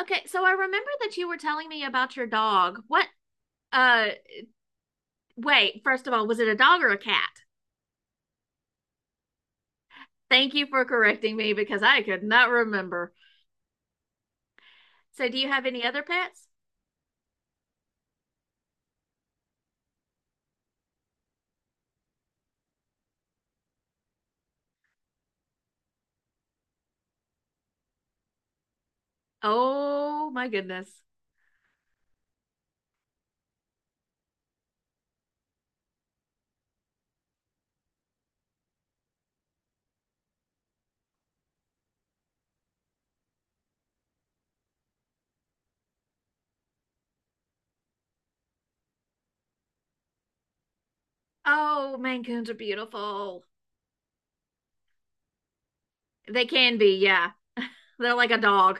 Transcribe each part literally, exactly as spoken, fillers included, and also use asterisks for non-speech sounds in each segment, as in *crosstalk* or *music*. Okay, so I remember that you were telling me about your dog. What uh wait, first of all, was it a dog or a cat? Thank you for correcting me because I could not remember. So do you have any other pets? Oh my goodness. Oh, Maine Coons are beautiful. They can be, yeah. They're like a dog.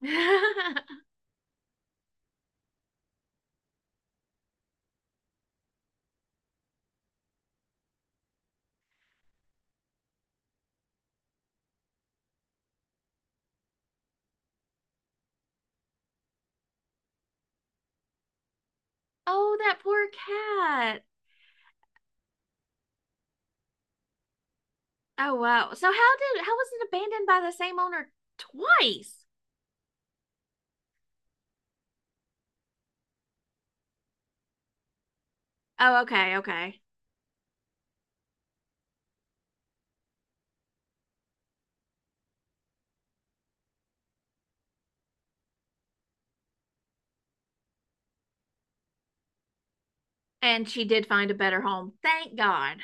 *laughs* Oh, that poor cat. Oh wow. So how did how was it abandoned by the same owner twice? Oh, okay, okay. And she did find a better home. Thank God.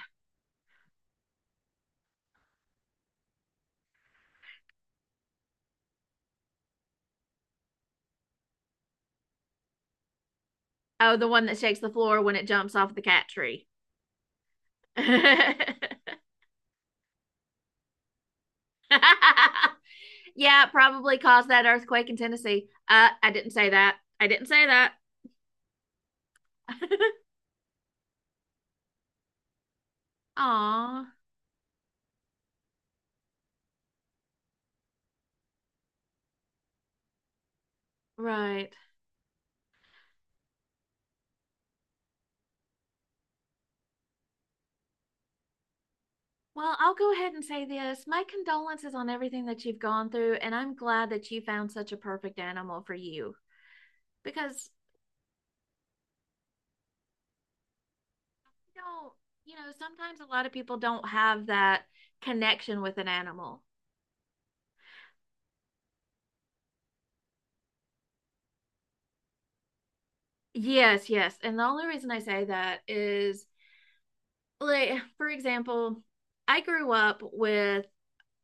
Oh, the one that shakes the floor when it jumps off the cat tree. *laughs* Yeah, it probably caused that earthquake in Tennessee. Uh, I didn't say that. I didn't say that. *laughs* Aw, right. Well, I'll go ahead and say this. My condolences on everything that you've gone through, and I'm glad that you found such a perfect animal for you because you know, you know, sometimes a lot of people don't have that connection with an animal. Yes, yes. And the only reason I say that is, like for example, I grew up with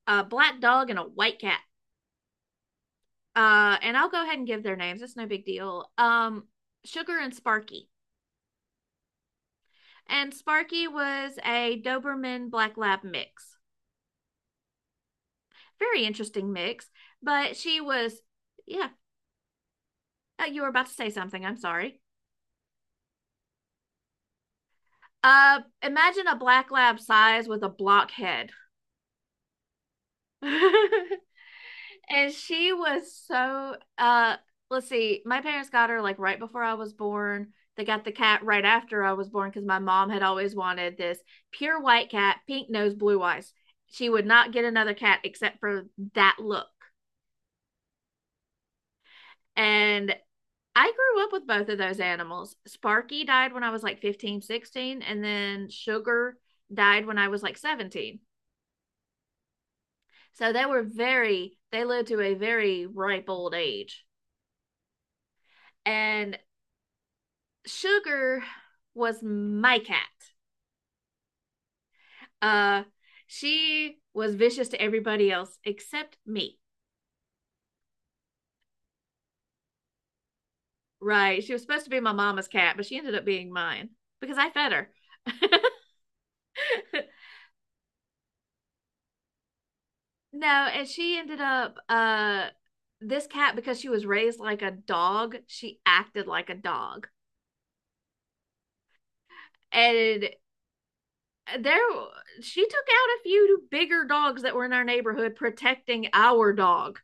a black dog and a white cat. Uh, and I'll go ahead and give their names. It's no big deal. Um, Sugar and Sparky. And Sparky was a Doberman Black Lab mix. Very interesting mix. But she was, yeah, uh, you were about to say something. I'm sorry. Uh, imagine a black lab size with a block head. *laughs* And she was so uh let's see, my parents got her like right before I was born. They got the cat right after I was born because my mom had always wanted this pure white cat, pink nose, blue eyes. She would not get another cat except for that look. And I grew up with both of those animals. Sparky died when I was like fifteen, sixteen, and then Sugar died when I was like seventeen. So they were very, they lived to a very ripe old age. And Sugar was my cat. Uh, she was vicious to everybody else except me. Right. She was supposed to be my mama's cat, but she ended up being mine because I fed her. *laughs* No, and she ended up uh this cat because she was raised like a dog, she acted like a dog. And there she took out a few bigger dogs that were in our neighborhood protecting our dog.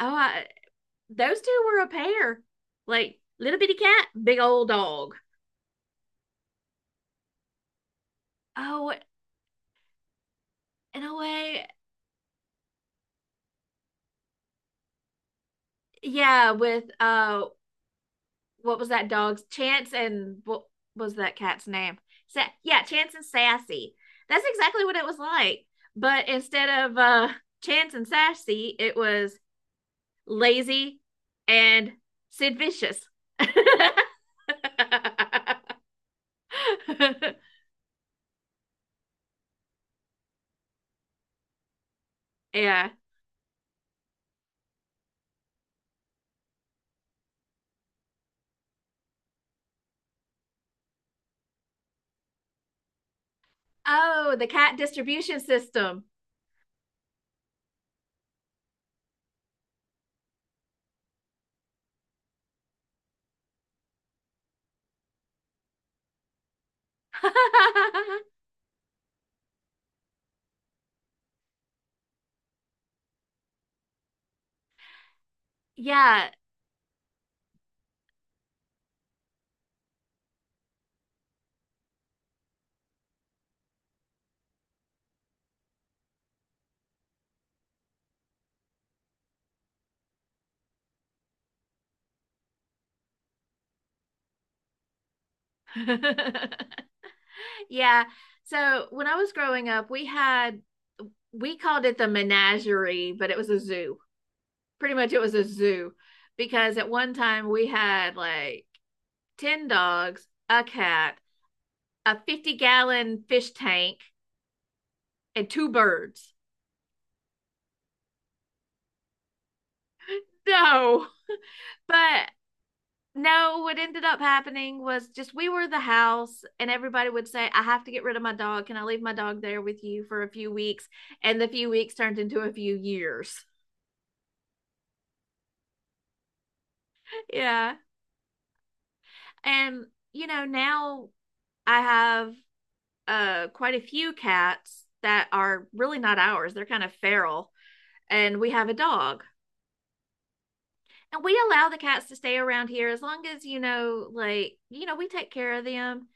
Oh, I, those two were a pair. Like little bitty cat, big old dog. Oh, in a way, yeah, with uh what was that dog's Chance and what was that cat's name? Sa- yeah, Chance and Sassy. That's exactly what it was like. But instead of uh Chance and Sassy, it was Lazy and Sid Vicious. *laughs* Yeah. Oh, the cat distribution system. *laughs* Yeah. *laughs* Yeah. So when I was growing up, we had, we called it the menagerie, but it was a zoo. Pretty much it was a zoo because at one time we had like ten dogs, a cat, a fifty gallon fish tank, and two birds. No. But no, what ended up happening was just we were the house, and everybody would say, I have to get rid of my dog. Can I leave my dog there with you for a few weeks? And the few weeks turned into a few years. *laughs* Yeah. And, you know, now I have uh, quite a few cats that are really not ours, they're kind of feral. And we have a dog. And we allow the cats to stay around here as long as, you know, like, you know, we take care of them.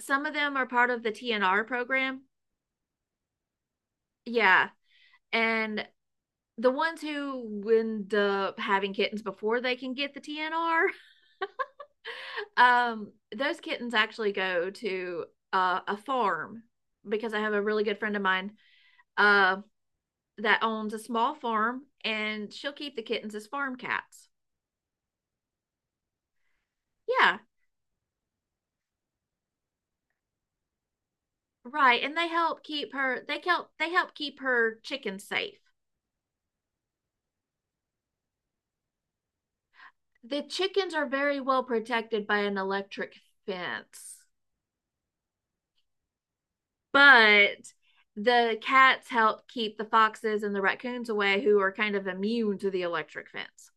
Some of them are part of the T N R program. Yeah. And the ones who end up having kittens before they can get the T N R, *laughs* um, those kittens actually go to uh, a farm because I have a really good friend of mine, uh, that owns a small farm and she'll keep the kittens as farm cats. Yeah, right. And they help keep her. They help. They help keep her chickens safe. The chickens are very well protected by an electric fence. But the cats help keep the foxes and the raccoons away, who are kind of immune to the electric fence.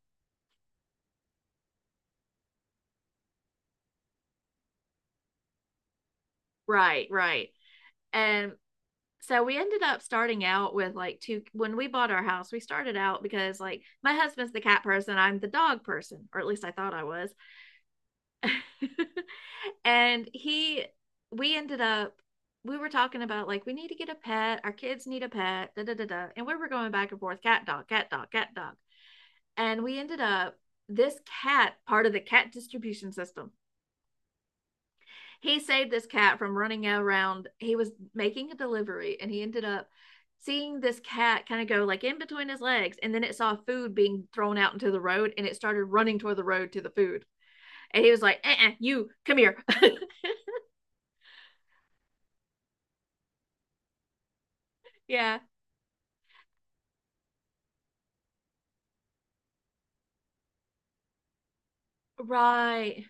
Right, right. And so we ended up starting out with like two when we bought our house. We started out because like my husband's the cat person, I'm the dog person, or at least I thought I was. *laughs* And he we ended up, we were talking about like we need to get a pet, our kids need a pet, da da da da, and we were going back and forth, cat dog, cat dog, cat dog. And we ended up, this cat, part of the cat distribution system, he saved this cat from running around. He was making a delivery and he ended up seeing this cat kind of go like in between his legs, and then it saw food being thrown out into the road and it started running toward the road to the food. And he was like, uh-uh, you come here. *laughs* Yeah, right.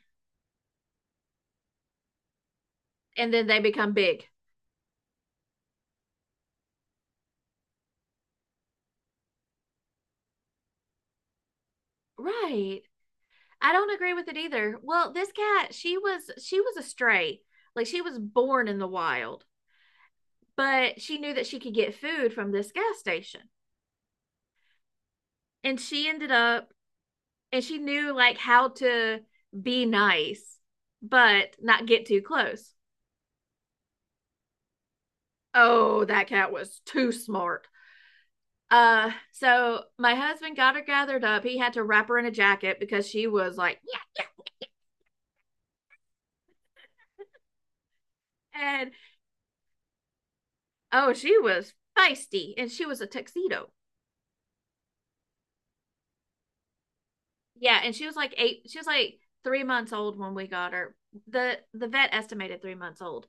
And then they become big. Right, I don't agree with it either. Well, this cat, she was she was a stray, like she was born in the wild, but she knew that she could get food from this gas station. And she ended up, and she knew like how to be nice but not get too close. Oh, that cat was too smart. Uh, so my husband got her gathered up. He had to wrap her in a jacket because she was like, yeah. And oh, she was feisty and she was a tuxedo. Yeah. And she was like eight, she was like three months old when we got her. The, the vet estimated three months old.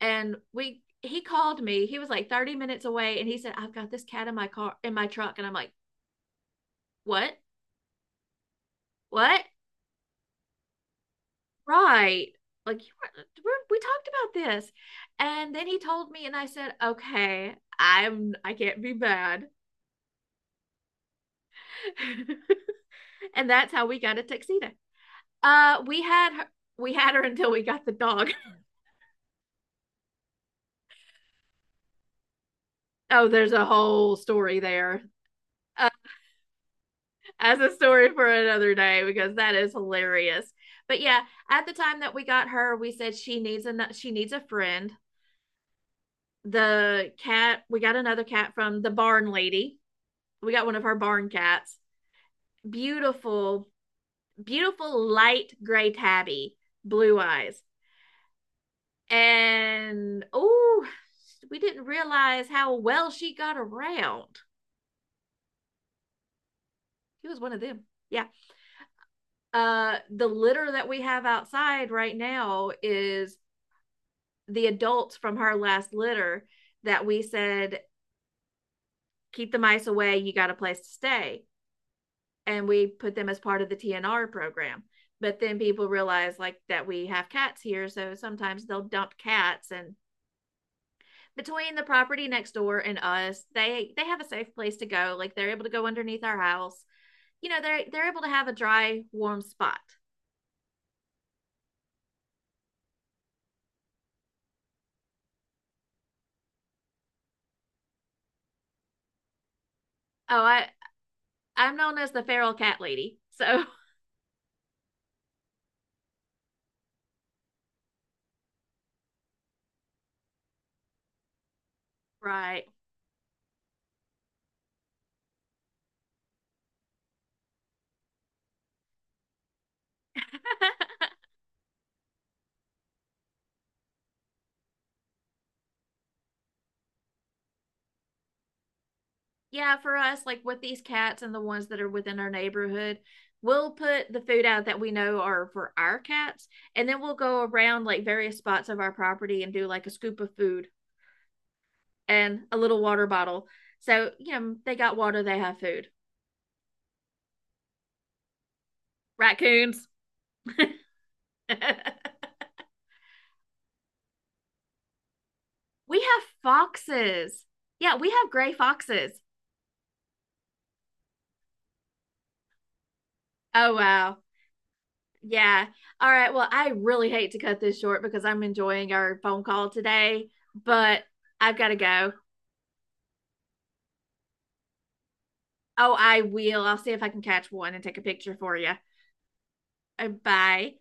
And we he called me. He was like thirty minutes away and he said, I've got this cat in my car, in my truck. And I'm like, what? What? Right. Like you were, we talked about this. And then he told me and I said, okay, I'm I can't be bad. *laughs* And that's how we got a tuxedo. Uh, we had her we had her *laughs* until we got the dog. Oh, there's a whole story there. As a story for another day because that is hilarious. But yeah, at the time that we got her, we said she needs a she needs a friend. The cat We got another cat from the barn lady. We got one of her barn cats. Beautiful, beautiful light gray tabby, blue eyes, and oh, we didn't realize how well she got around. She was one of them. Yeah. Uh, the litter that we have outside right now is the adults from her last litter that we said, keep the mice away, you got a place to stay. And we put them as part of the TNR program. But then people realize like that we have cats here, so sometimes they'll dump cats. And between the property next door and us, they they have a safe place to go, like they're able to go underneath our house. You know, they're they're able to have a dry, warm spot. Oh, i i'm known as the feral cat lady, so right. *laughs* Yeah, for us, like with these cats and the ones that are within our neighborhood, we'll put the food out that we know are for our cats, and then we'll go around like various spots of our property and do like a scoop of food and a little water bottle. So, you know, they got water, they have food. Raccoons. *laughs* We have foxes. Yeah, we have gray foxes. Oh, wow. Yeah. All right. Well, I really hate to cut this short because I'm enjoying our phone call today, but I've got to go. Oh, I will. I'll see if I can catch one and take a picture for you. Uh, Bye.